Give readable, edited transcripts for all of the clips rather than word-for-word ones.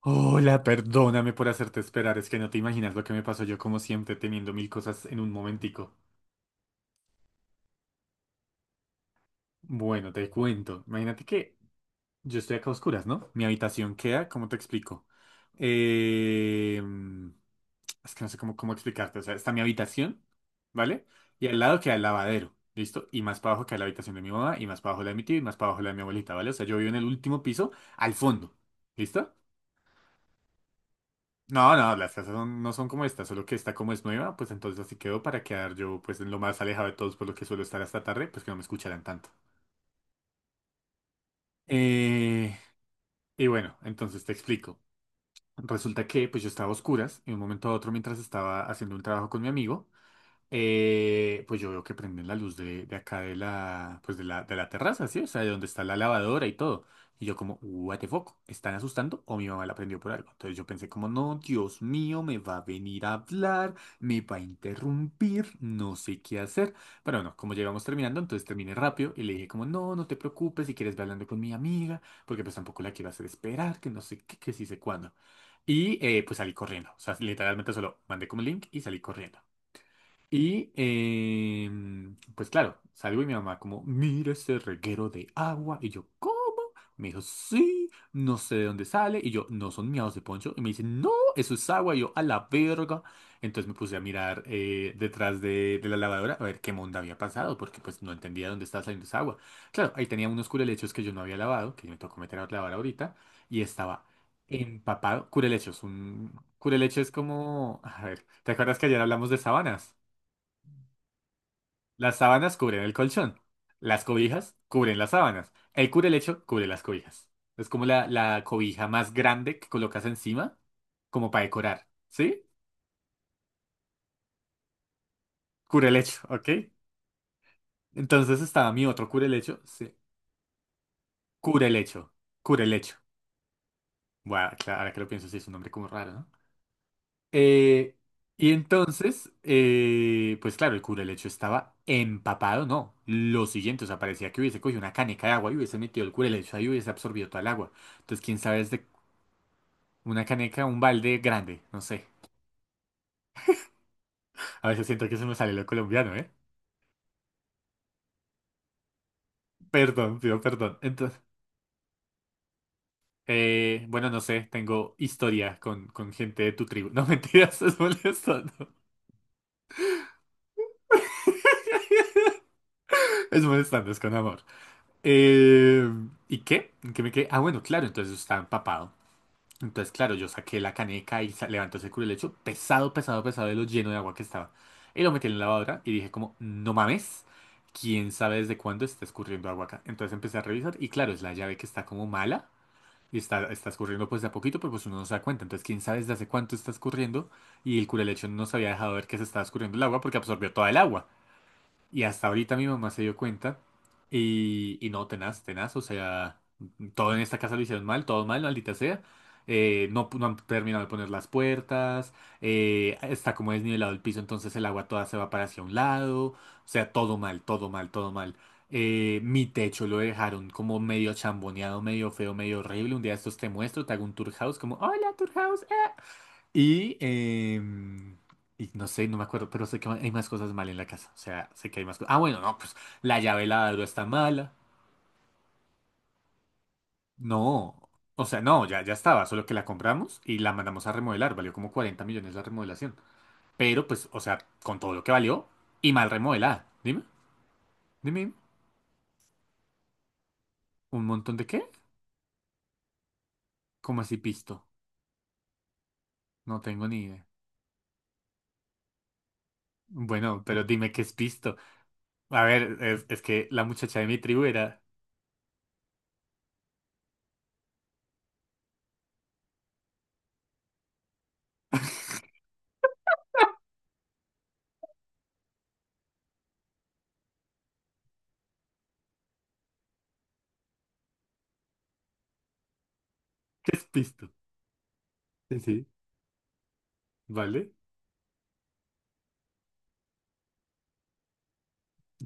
Hola, perdóname por hacerte esperar, es que no te imaginas lo que me pasó yo como siempre teniendo mil cosas en un momentico. Bueno, te cuento. Imagínate que yo estoy acá a oscuras, ¿no? Mi habitación queda, ¿cómo te explico? Eh, es que no sé cómo explicarte. O sea, está mi habitación, ¿vale? Y al lado queda el lavadero, ¿listo? Y más para abajo queda la habitación de mi mamá, y más para abajo la de mi tío, y más para abajo la de mi abuelita, ¿vale? O sea, yo vivo en el último piso, al fondo, ¿listo? No, no, las casas no son como esta, solo que esta como es nueva, pues entonces así quedó para quedar yo pues en lo más alejado de todos por lo que suelo estar hasta tarde, pues que no me escucharan tanto. Eh, y bueno, entonces te explico. Resulta que pues yo estaba a oscuras y de un momento a otro mientras estaba haciendo un trabajo con mi amigo, pues yo veo que prenden la luz de acá de pues de de la terraza, ¿sí? O sea, de donde está la lavadora y todo. Y yo como, what the fuck, ¿están asustando o mi mamá la prendió por algo? Entonces yo pensé como, no, Dios mío, me va a venir a hablar, me va a interrumpir, no sé qué hacer. Pero bueno, como llegamos terminando, entonces terminé rápido y le dije como, no, no te preocupes, si quieres ve hablando con mi amiga, porque pues tampoco la quiero hacer esperar, que no sé qué, que sí sé cuándo. Y pues salí corriendo, o sea, literalmente solo mandé como el link y salí corriendo. Y pues claro, salgo y mi mamá como, mira ese reguero de agua. Y yo, ¿cómo? Me dijo, sí, no sé de dónde sale. Y yo, no son miados de poncho. Y me dice, no, eso es agua. Y yo, a la verga. Entonces me puse a mirar detrás de la lavadora a ver qué monda había pasado, porque pues no entendía dónde estaba saliendo esa agua. Claro, ahí tenía unos curelechos que yo no había lavado, que me tocó meter a lavar ahorita, y estaba empapado. Curelechos, un curelecho es como, a ver, ¿te acuerdas que ayer hablamos de sabanas? Las sábanas cubren el colchón. Las cobijas cubren las sábanas. El cubrelecho cubre las cobijas. Es como la cobija más grande que colocas encima, como para decorar. ¿Sí? Cubrelecho, ¿ok? Entonces estaba mi otro cubrelecho. Sí. Cubrelecho. Cubrelecho. Bueno, claro, ahora que lo pienso, sí es un nombre como raro, ¿no? Eh, y entonces, pues claro, el cubrelecho estaba empapado, no. Lo siguiente, o sea, parecía que hubiese cogido una caneca de agua y hubiese metido el cubrelecho ahí y hubiese absorbido toda el agua. Entonces, quién sabe desde Una caneca, un balde grande, no sé. A veces siento que se me sale lo colombiano, ¿eh? Perdón, pido perdón. Entonces, bueno, no sé, tengo historia con gente de tu tribu. No, mentiras, es molestando. Es molestando, es con amor. Eh, ¿Y qué? ¿En qué me quedé? Ah, bueno, claro, entonces está empapado. Entonces, claro, yo saqué la caneca y levantó ese curulecho pesado, pesado, pesado de lo lleno de agua que estaba. Y lo metí en la lavadora y dije como, no mames, quién sabe desde cuándo está escurriendo agua acá. Entonces empecé a revisar y claro, es la llave que está como mala y está escurriendo pues de a poquito, pero pues uno no se da cuenta. Entonces, quién sabe desde hace cuánto está escurriendo y el curulecho no se había dejado ver que se estaba escurriendo el agua porque absorbió toda el agua. Y hasta ahorita mi mamá se dio cuenta. Y no, tenaz, tenaz. O sea, todo en esta casa lo hicieron mal, todo mal, maldita sea. No, no han terminado de poner las puertas. Está como desnivelado el piso, entonces el agua toda se va para hacia un lado. O sea, todo mal, todo mal, todo mal. Mi techo lo dejaron como medio chamboneado, medio feo, medio horrible. Un día de estos te muestro, te hago un tour house, como, hola, tour house. Y, y no sé, no me acuerdo, pero sé que hay más cosas mal en la casa. O sea, sé que hay más cosas. Ah, bueno, no, pues la llave del ladro está mala. No, o sea, no, ya estaba, solo que la compramos y la mandamos a remodelar. Valió como 40 millones la remodelación. Pero pues, o sea, con todo lo que valió y mal remodelada. Dime, dime. ¿Un montón de qué? ¿Cómo así pisto? No tengo ni idea. Bueno, pero dime qué es pisto. A ver, es que la muchacha de mi tribu era... ¿Qué es pisto? Sí, sí, ¿vale?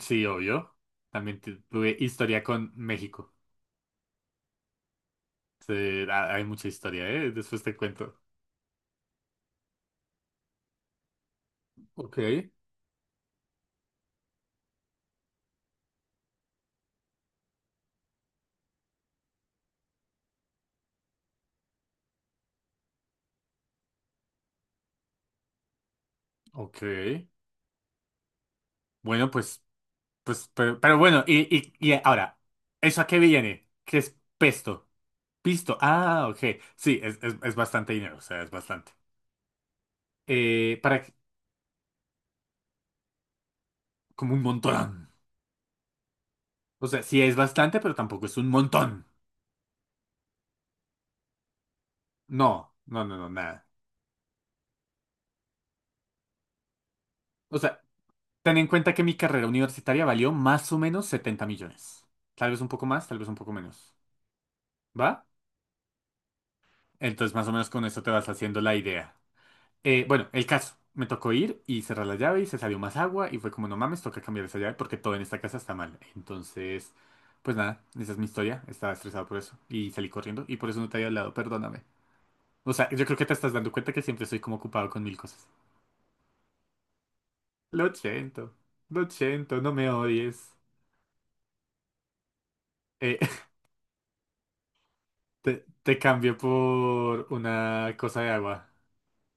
Sí, obvio. También tuve historia con México. Sí, hay mucha historia, ¿eh? Después te cuento. Ok, ok. Bueno, pues, pues, pero bueno, y ahora, ¿eso a qué viene? ¿Qué es pesto? Pisto. Ah, ok. Sí, es bastante dinero, o sea, es bastante. Para, que- como un montón. O sea, sí es bastante, pero tampoco es un montón. No, no, no, no, nada. O sea, ten en cuenta que mi carrera universitaria valió más o menos 70 millones. Tal vez un poco más, tal vez un poco menos. ¿Va? Entonces, más o menos con eso te vas haciendo la idea. Bueno, el caso. Me tocó ir y cerrar la llave y se salió más agua y fue como, no mames, toca cambiar esa llave porque todo en esta casa está mal. Entonces, pues nada, esa es mi historia. Estaba estresado por eso y salí corriendo y por eso no te había hablado, perdóname. O sea, yo creo que te estás dando cuenta que siempre estoy como ocupado con mil cosas. Lo siento, lo siento, no me odies. Eh, te cambio por una cosa de agua.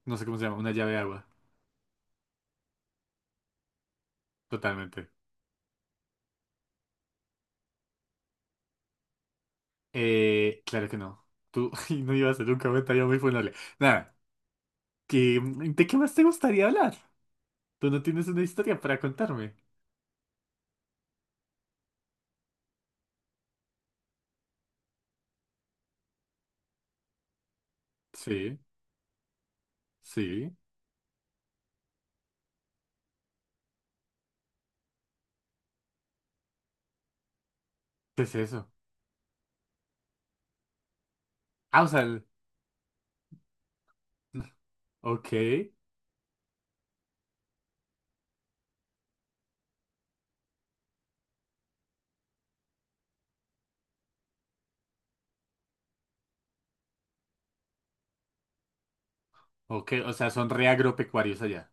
No sé cómo se llama, una llave de agua. Totalmente. Claro que no. Tú ay, no ibas a hacer un comentario muy funable. Nada, ¿de qué más te gustaría hablar? Tú no tienes una historia para contarme. Sí, sí. ¿Qué es eso? Ah, o sea, ok, ok. O sea, son re agropecuarios allá.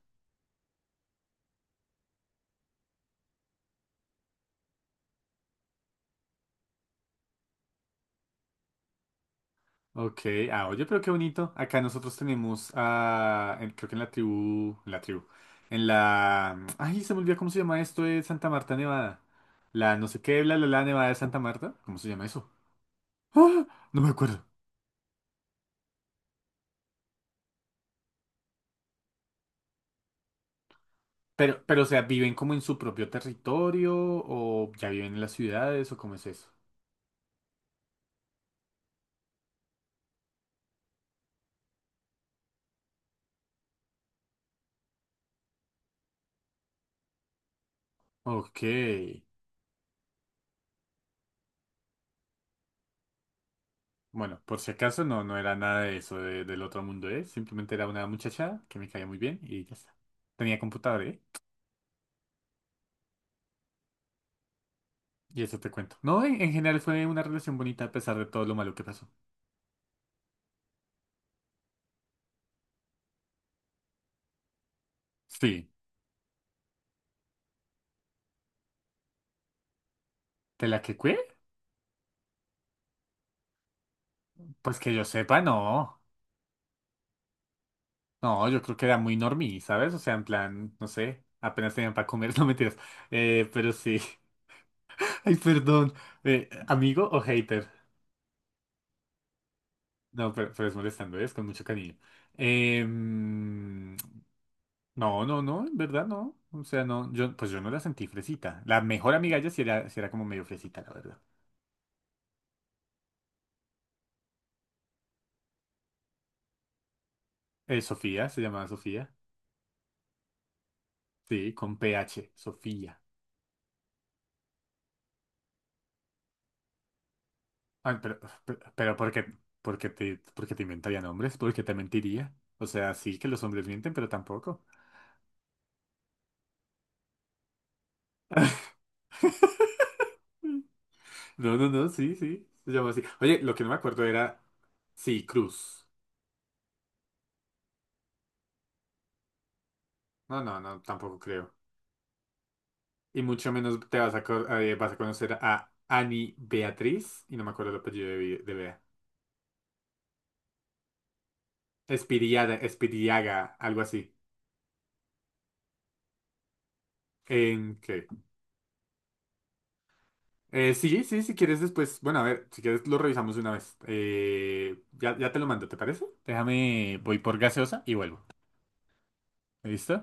Ok, ah, oye, pero qué bonito. Acá nosotros tenemos, ah, creo que en la tribu, en la, ay, se me olvidó cómo se llama esto de Santa Marta, Nevada. La no sé qué, bla, bla, bla, Nevada de Santa Marta. ¿Cómo se llama eso? ¡Ah! No me acuerdo. Pero, o sea, ¿viven como en su propio territorio o ya viven en las ciudades o cómo es eso? Ok. Bueno, por si acaso no, no era nada de eso de- del otro mundo, ¿eh? Simplemente era una muchacha que me caía muy bien y ya está. Tenía computador, ¿eh? Y eso te cuento. No, en general fue una relación bonita a pesar de todo lo malo que pasó. Sí. ¿De la que cué? Pues que yo sepa, no. No, yo creo que era muy normie, ¿sabes? O sea, en plan, no sé, apenas tenían para comer, no mentiras. Pero sí. Ay, perdón. ¿Amigo o hater? No, pero es molestando, es con mucho cariño. Em, no, no, no, en verdad no. O sea, no, yo, pues yo no la sentí fresita. La mejor amiga ya sí era como medio fresita, la verdad. Sofía, se llamaba Sofía. Sí, con PH. Sofía. Ay, pero, ¿por qué, por qué por qué te inventaría nombres? ¿Por qué te mentiría? O sea, sí que los hombres mienten, pero tampoco. No, no, no, sí, sí. Se llama así. Oye, lo que no me acuerdo era. Sí, Cruz. No, no, no, tampoco creo. Y mucho menos te vas a, vas a conocer a Ani Beatriz. Y no me acuerdo el apellido de, de Bea. Espiriada, Espiriaga, algo así. ¿En qué? Sí, sí, si quieres después, bueno, a ver, si quieres lo revisamos una vez. Ya te lo mando, ¿te parece? Déjame, voy por gaseosa y vuelvo. ¿Listo?